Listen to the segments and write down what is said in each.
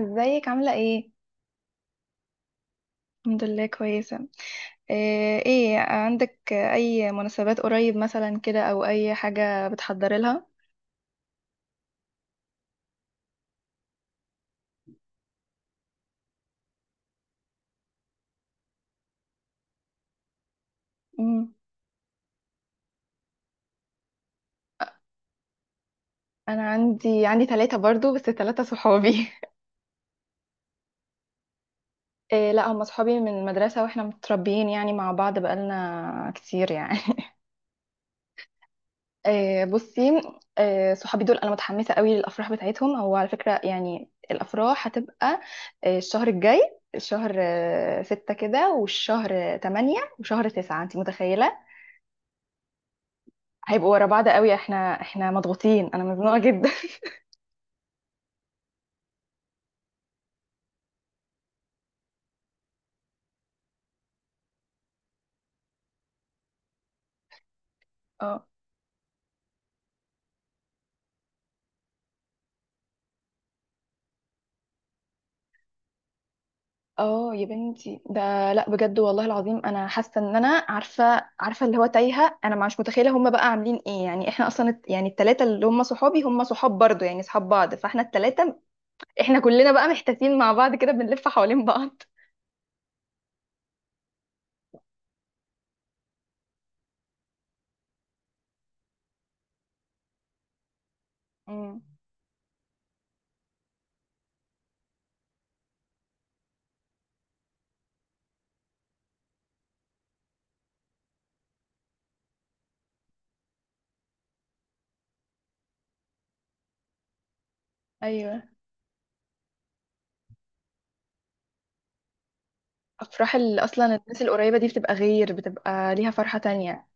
ازيك عاملة ايه؟ الحمد لله كويسة. ايه عندك اي مناسبات قريب مثلا كده او اي حاجة بتحضري لها؟ مم. انا عندي ثلاثة برضو، بس ثلاثة صحابي. إيه، لا، هم صحابي من المدرسة واحنا متربيين يعني مع بعض بقالنا كتير يعني. بصي. صحابي دول انا متحمسه قوي للافراح بتاعتهم. هو على فكره يعني الافراح هتبقى الشهر الجاي، الشهر 6 كده، والشهر 8، وشهر 9، انت متخيله؟ هيبقوا ورا بعض قوي. احنا مضغوطين، انا مزنوقه جدا. اه. اه يا بنتي، ده لا بجد والله العظيم انا حاسه ان انا عارفه عارفه اللي هو تايهه، انا مش متخيله هم بقى عاملين ايه. يعني احنا اصلا يعني التلاته اللي هم صحابي هم صحاب برضو يعني صحاب بعض، فاحنا التلاته احنا كلنا بقى محتاسين مع بعض كده بنلف حوالين بعض. امم. ايوه. افراح اصلا الناس القريبه دي بتبقى غير، بتبقى ليها فرحه تانية.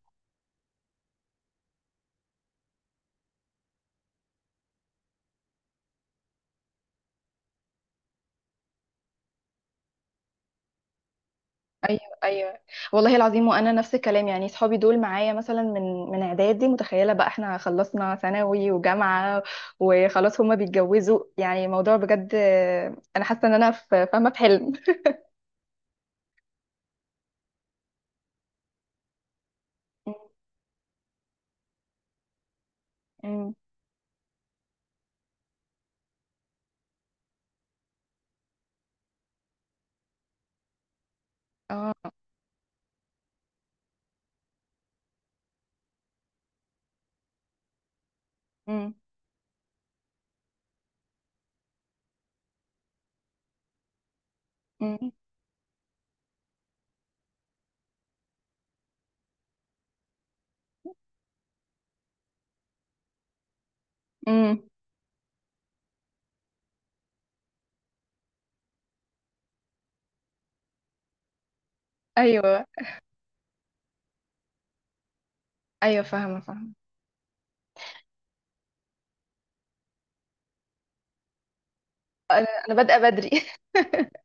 ايوه، ايوه، والله العظيم. وانا نفس الكلام يعني صحابي دول معايا مثلا من اعدادي، متخيله بقى احنا خلصنا ثانوي وجامعه وخلاص هما بيتجوزوا، يعني الموضوع بجد انا حاسه ان انا في فاهمه في حلم. امم. اه. امم. أمم. أمم. ايوه، ايوه، فاهمه فاهمه. انا بادئه بدري.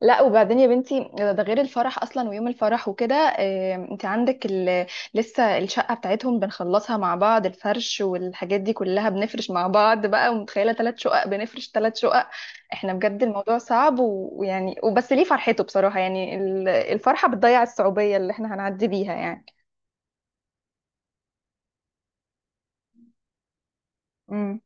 لا، وبعدين يا بنتي، ده غير الفرح اصلا ويوم الفرح وكده. انت عندك لسه الشقه بتاعتهم بنخلصها مع بعض، الفرش والحاجات دي كلها بنفرش مع بعض بقى. ومتخيله ثلاث شقق؟ بنفرش ثلاث شقق. احنا بجد الموضوع صعب ويعني وبس ليه فرحته بصراحه، يعني الفرحه بتضيع الصعوبيه اللي احنا هنعدي بيها يعني. امم.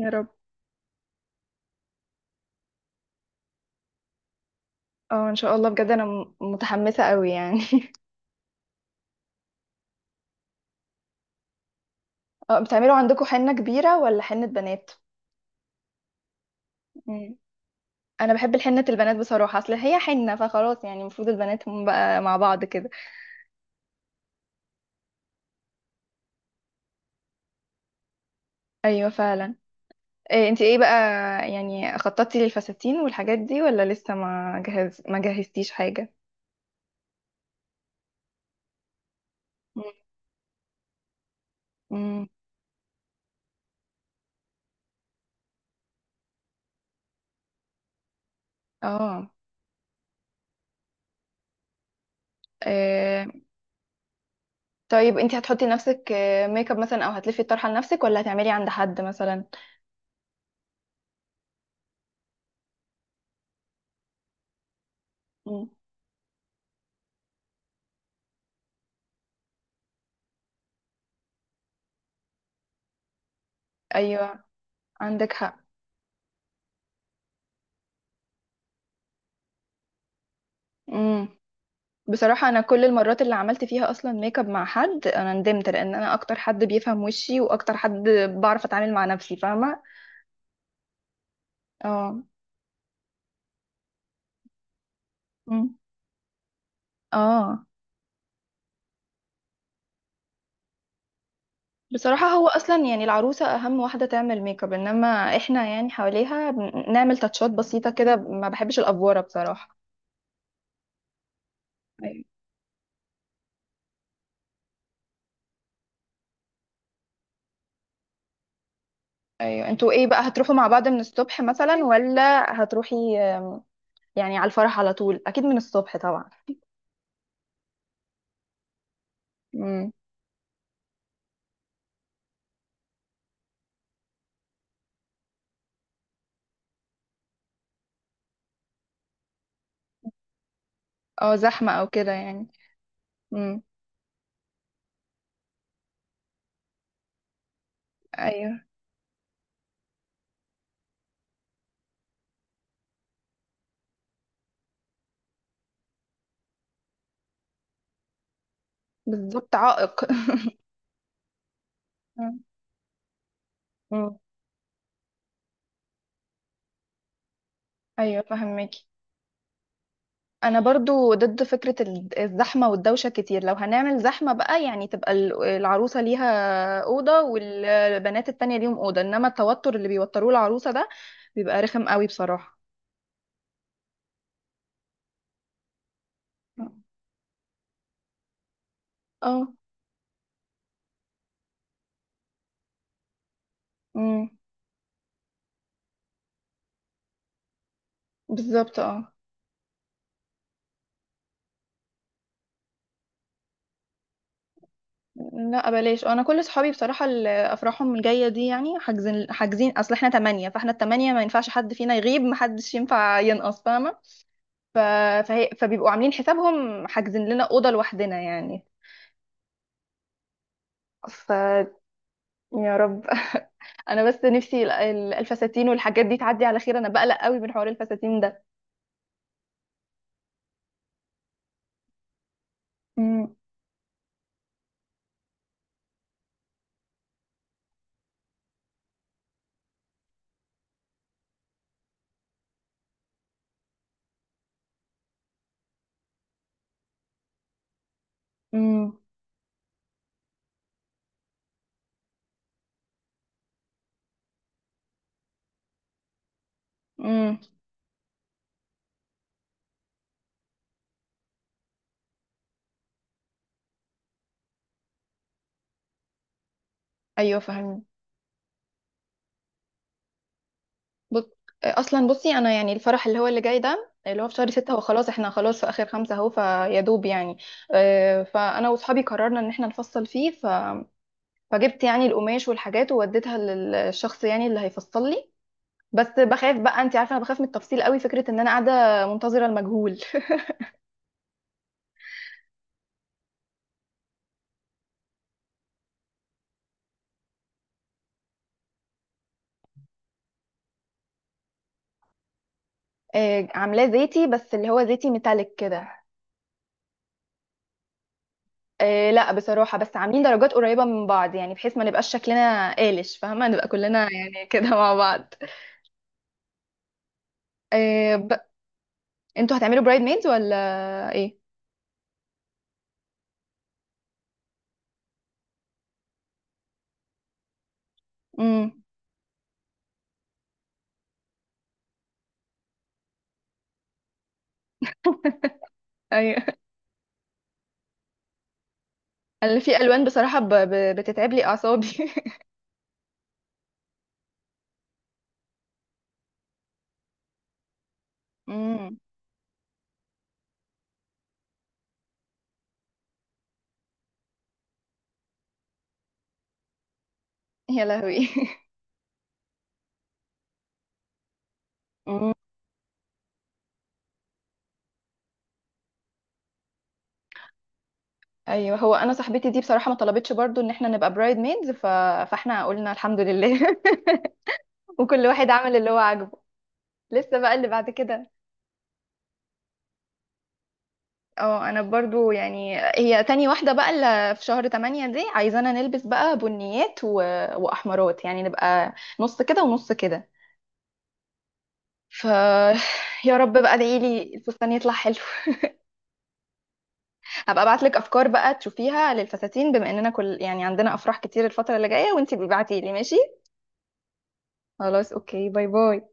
يا رب. اه ان شاء الله بجد، انا متحمسه قوي يعني. اه، بتعملوا عندكم حنه كبيره ولا حنه بنات؟ انا بحب الحنة البنات بصراحة، اصل هي حنة، فخلاص يعني المفروض البنات هم بقى مع بعض كده. ايوه فعلا. إيه، انت ايه بقى؟ يعني خططتي للفساتين والحاجات دي ولا لسه ما جهزتيش حاجة؟ مم. مم. اه. إيه. طيب انت هتحطي لنفسك ميك اب مثلا او هتلفي الطرحة لنفسك ولا هتعملي عند حد مثلا؟ مم. ايوه عندك حق. مم. بصراحة أنا كل المرات اللي عملت فيها أصلا ميك اب مع حد أنا ندمت، لأن أنا أكتر حد بيفهم وشي وأكتر حد بعرف أتعامل مع نفسي، فاهمة؟ اه. مم. اه. بصراحة هو أصلا يعني العروسة أهم واحدة تعمل ميك اب، إنما إحنا يعني حواليها نعمل تاتشات بسيطة كده، ما بحبش الأفوارة بصراحة. أيوة، أيوة، أنتوا إيه بقى؟ هتروحوا مع بعض من الصبح مثلا ولا هتروحي آه، يعني على الفرح على طول، أكيد من الصبح طبعا. مم. اه، زحمة أو كده يعني. مم. أيوة، بالظبط، عائق. مم. مم. ايوه فهمك. انا برضو ضد فكرة الزحمة والدوشة كتير. لو هنعمل زحمة بقى يعني تبقى العروسة ليها أوضة والبنات التانية ليهم أوضة، انما التوتر اللي بيوتروه العروسة ده بيبقى رخم قوي بصراحة. اه. امم. بالظبط. اه. لا، بلاش، انا كل صحابي بصراحة اللي افراحهم الجاية دي يعني حاجزين حاجزين. اصل احنا تمانية، فاحنا التمانية ما ينفعش حد فينا يغيب، محدش ينفع ينقص، فاهمة؟ ف... فبيبقوا عاملين حسابهم حاجزين لنا أوضة لوحدنا يعني. ف يا رب. انا بس نفسي الفساتين والحاجات دي تعدي على خير، انا بقلق قوي من حوار الفساتين ده. امم. امم. امم. ايوه فاهم. بص اصلا بصي انا يعني الفرح اللي هو اللي جاي ده اللي هو في شهر 6، هو خلاص احنا خلاص في اخر 5 اهو، فيا دوب يعني. فانا واصحابي قررنا ان احنا نفصل فيه. فجبت يعني القماش والحاجات ووديتها للشخص يعني اللي هيفصل لي، بس بخاف بقى. انت عارفه انا بخاف من التفصيل قوي، فكره ان انا قاعده منتظره المجهول. عاملاه زيتي، بس اللي هو زيتي ميتاليك كده. لا بصراحه، بس عاملين درجات قريبه من بعض، يعني بحيث ما نبقاش شكلنا قالش، فاهمه، نبقى كلنا يعني كده مع بعض. آه، ب... انتوا هتعملوا برايد ميدز ولا ايه؟ امم. ايوه، انا في الوان بصراحه بتتعب لي اعصابي. امم. يا لهوي. مم. ايوه، هو انا صاحبتي دي بصراحه ما طلبتش برضو ان احنا نبقى برايد ميدز، فاحنا قلنا الحمد لله. وكل واحد عمل اللي هو عاجبه. لسه بقى اللي بعد كده. اه، انا برضو يعني هي تاني واحدة بقى اللي في شهر 8 دي عايزانا نلبس بقى بنيات واحمرات، يعني نبقى نص كده ونص كده. ف يا رب بقى، ادعي لي الفستان يطلع حلو. هبقى ابعت لك افكار بقى تشوفيها للفساتين، بما اننا كل يعني عندنا افراح كتير الفترة اللي جاية، وانتي بتبعتي لي، ماشي؟ خلاص، اوكي، باي باي.